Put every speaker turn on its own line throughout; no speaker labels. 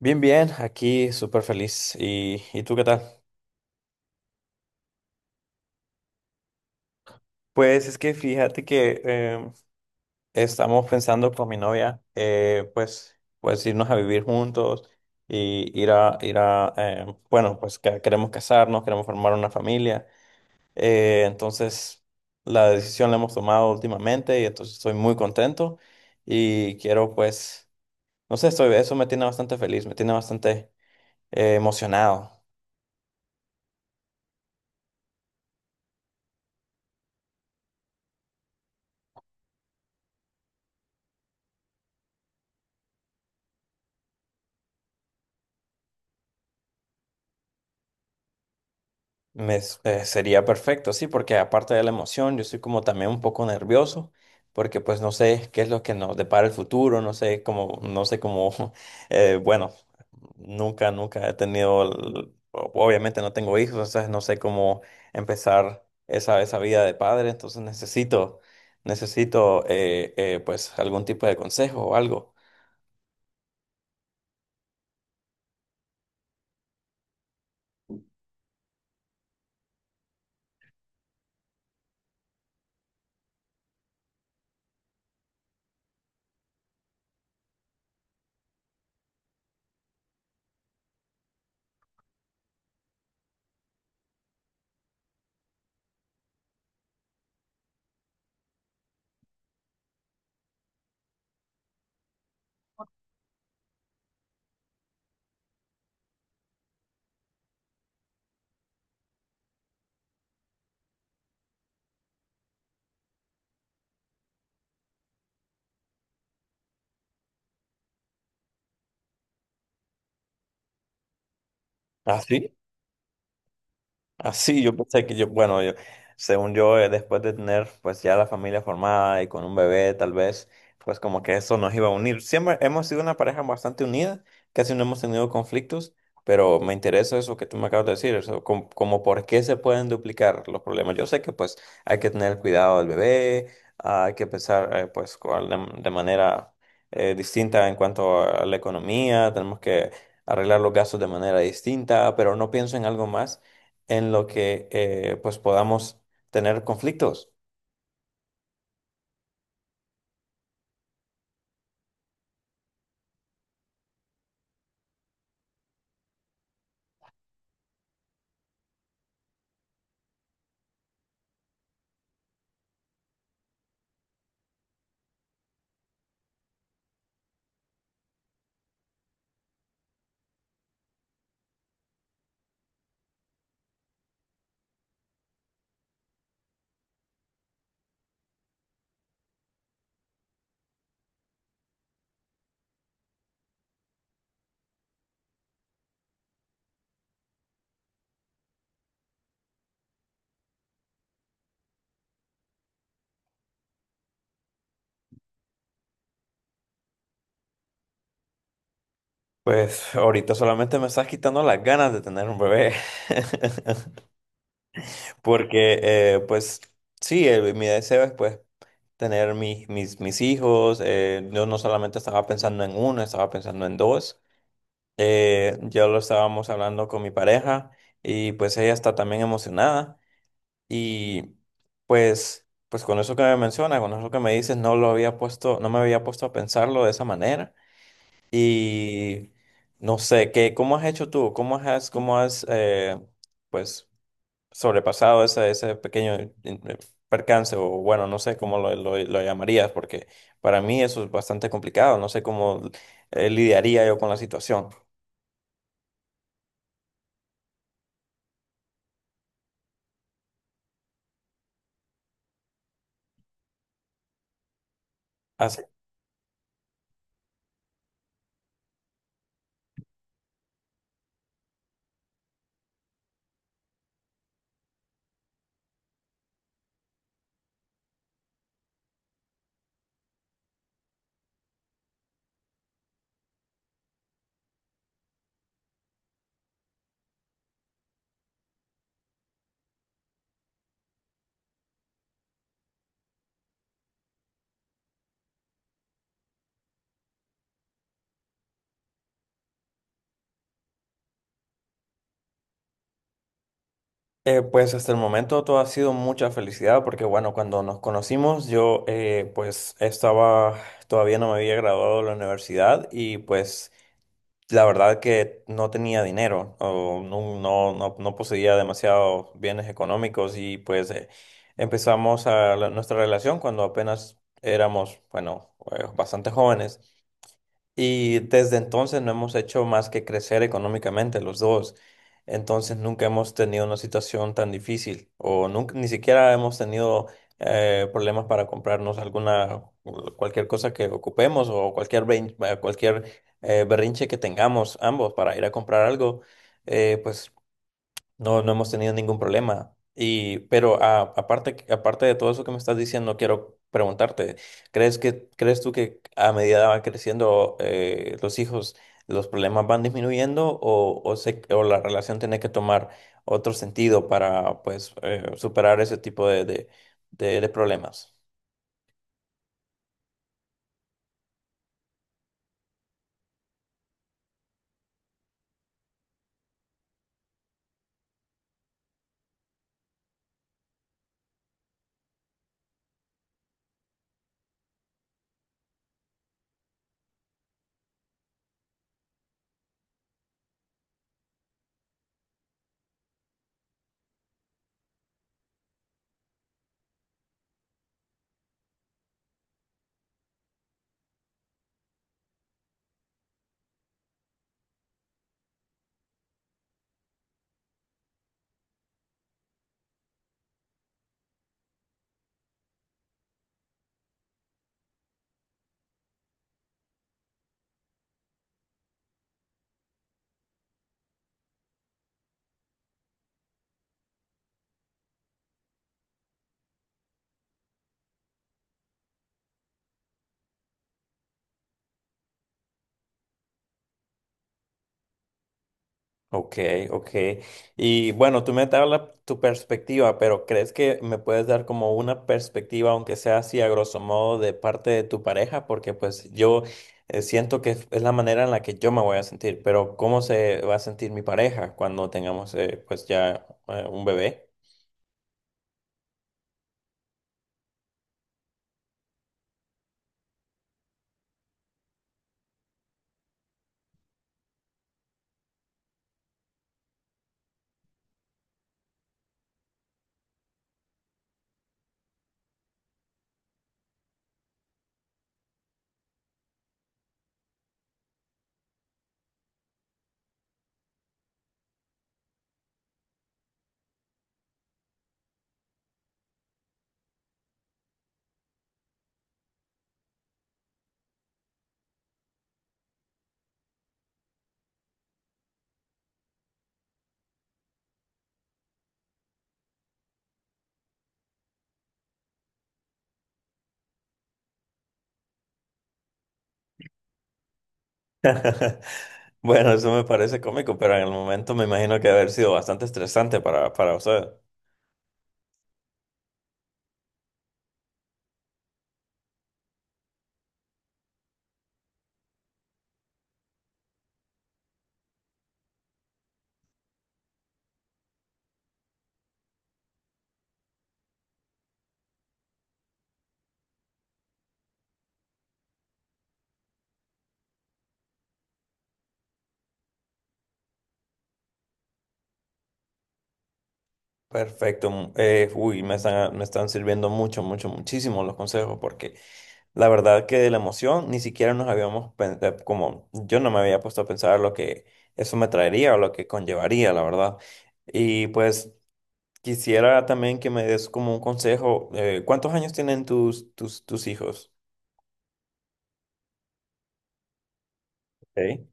Bien, bien, aquí súper feliz. ¿Y tú qué tal? Pues es que fíjate que estamos pensando con mi novia, pues irnos a vivir juntos y pues que queremos casarnos, queremos formar una familia. Entonces, la decisión la hemos tomado últimamente y entonces estoy muy contento y quiero, pues, no sé, estoy, eso me tiene bastante feliz, me tiene bastante emocionado. Sería perfecto, sí, porque aparte de la emoción, yo soy como también un poco nervioso, porque pues no sé qué es lo que nos depara el futuro, no sé cómo, eh, bueno, nunca he tenido, obviamente no tengo hijos, entonces no sé cómo empezar esa vida de padre, entonces necesito pues algún tipo de consejo o algo. ¿Así? Así, yo pensé que según yo, después de tener pues ya la familia formada y con un bebé, tal vez, pues como que eso nos iba a unir. Siempre hemos sido una pareja bastante unida, casi no hemos tenido conflictos, pero me interesa eso que tú me acabas de decir, eso, como por qué se pueden duplicar los problemas. Yo sé que pues hay que tener cuidado del bebé, ah, hay que pensar pues de manera distinta en cuanto a la economía, tenemos que arreglar los gastos de manera distinta, pero no pienso en algo más en lo que pues podamos tener conflictos. Pues ahorita solamente me estás quitando las ganas de tener un bebé. Porque pues sí, el mi deseo es pues tener mis hijos. Yo no solamente estaba pensando en uno, estaba pensando en dos. Ya lo estábamos hablando con mi pareja y pues ella está también emocionada. Y pues, pues con eso que me mencionas, con eso que me dices, no lo había puesto, no me había puesto a pensarlo de esa manera. Y no sé, ¿qué, cómo has hecho tú? Cómo has pues, sobrepasado ese pequeño percance? O bueno, no sé cómo lo llamarías, porque para mí eso es bastante complicado. No sé cómo lidiaría yo con la situación. Así- pues hasta el momento todo ha sido mucha felicidad porque bueno, cuando nos conocimos yo pues estaba, todavía no me había graduado de la universidad y pues la verdad que no tenía dinero o no poseía demasiados bienes económicos y pues empezamos nuestra relación cuando apenas éramos, bueno, bastante jóvenes. Y desde entonces no hemos hecho más que crecer económicamente los dos. Entonces nunca hemos tenido una situación tan difícil o nunca, ni siquiera hemos tenido problemas para comprarnos alguna, cualquier cosa que ocupemos o cualquier berrinche que tengamos ambos para ir a comprar algo. Pues no, no hemos tenido ningún problema. Y, pero aparte de todo eso que me estás diciendo, quiero preguntarte, crees tú que a medida van creciendo los hijos, los problemas van disminuyendo o la relación tiene que tomar otro sentido para pues superar ese tipo de problemas? Ok, ok. Y bueno, tú me hablas tu perspectiva, pero ¿crees que me puedes dar como una perspectiva, aunque sea así a grosso modo, de parte de tu pareja? Porque pues yo siento que es la manera en la que yo me voy a sentir, pero ¿cómo se va a sentir mi pareja cuando tengamos un bebé? Bueno, eso me parece cómico, pero en el momento me imagino que debe haber sido bastante estresante para usted. Perfecto. Mm, uy, me están sirviendo mucho, mucho, muchísimo los consejos porque la verdad que de la emoción ni siquiera nos habíamos como yo no me había puesto a pensar lo que eso me traería o lo que conllevaría, la verdad. Y pues quisiera también que me des como un consejo. ¿Cuántos años tienen tus hijos? Ok.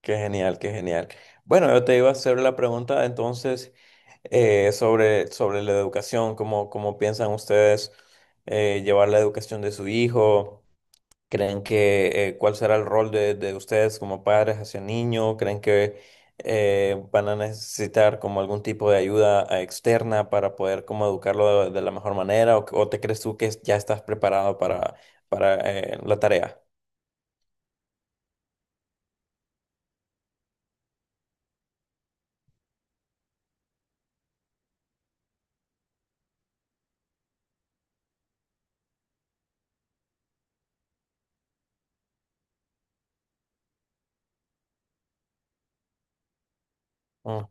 Qué genial, qué genial. Bueno, yo te iba a hacer la pregunta entonces sobre la educación, cómo piensan ustedes llevar la educación de su hijo. ¿Creen que cuál será el rol de ustedes como padres hacia el niño? ¿Creen que van a necesitar como algún tipo de ayuda externa para poder como educarlo de la mejor manera? O te crees tú que ya estás preparado para la tarea? Mm.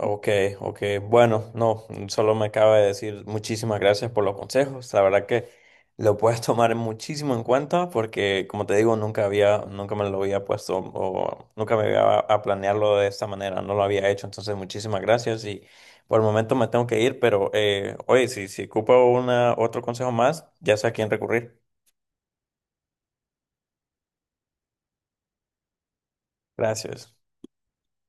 Ok, ok. Bueno, no, solo me acaba de decir muchísimas gracias por los consejos. La verdad que lo puedes tomar muchísimo en cuenta porque, como te digo, nunca había, nunca me lo había puesto o nunca me había a planearlo de esta manera. No lo había hecho. Entonces, muchísimas gracias y por el momento me tengo que ir, pero oye, si ocupo una, otro consejo más, ya sé a quién recurrir. Gracias.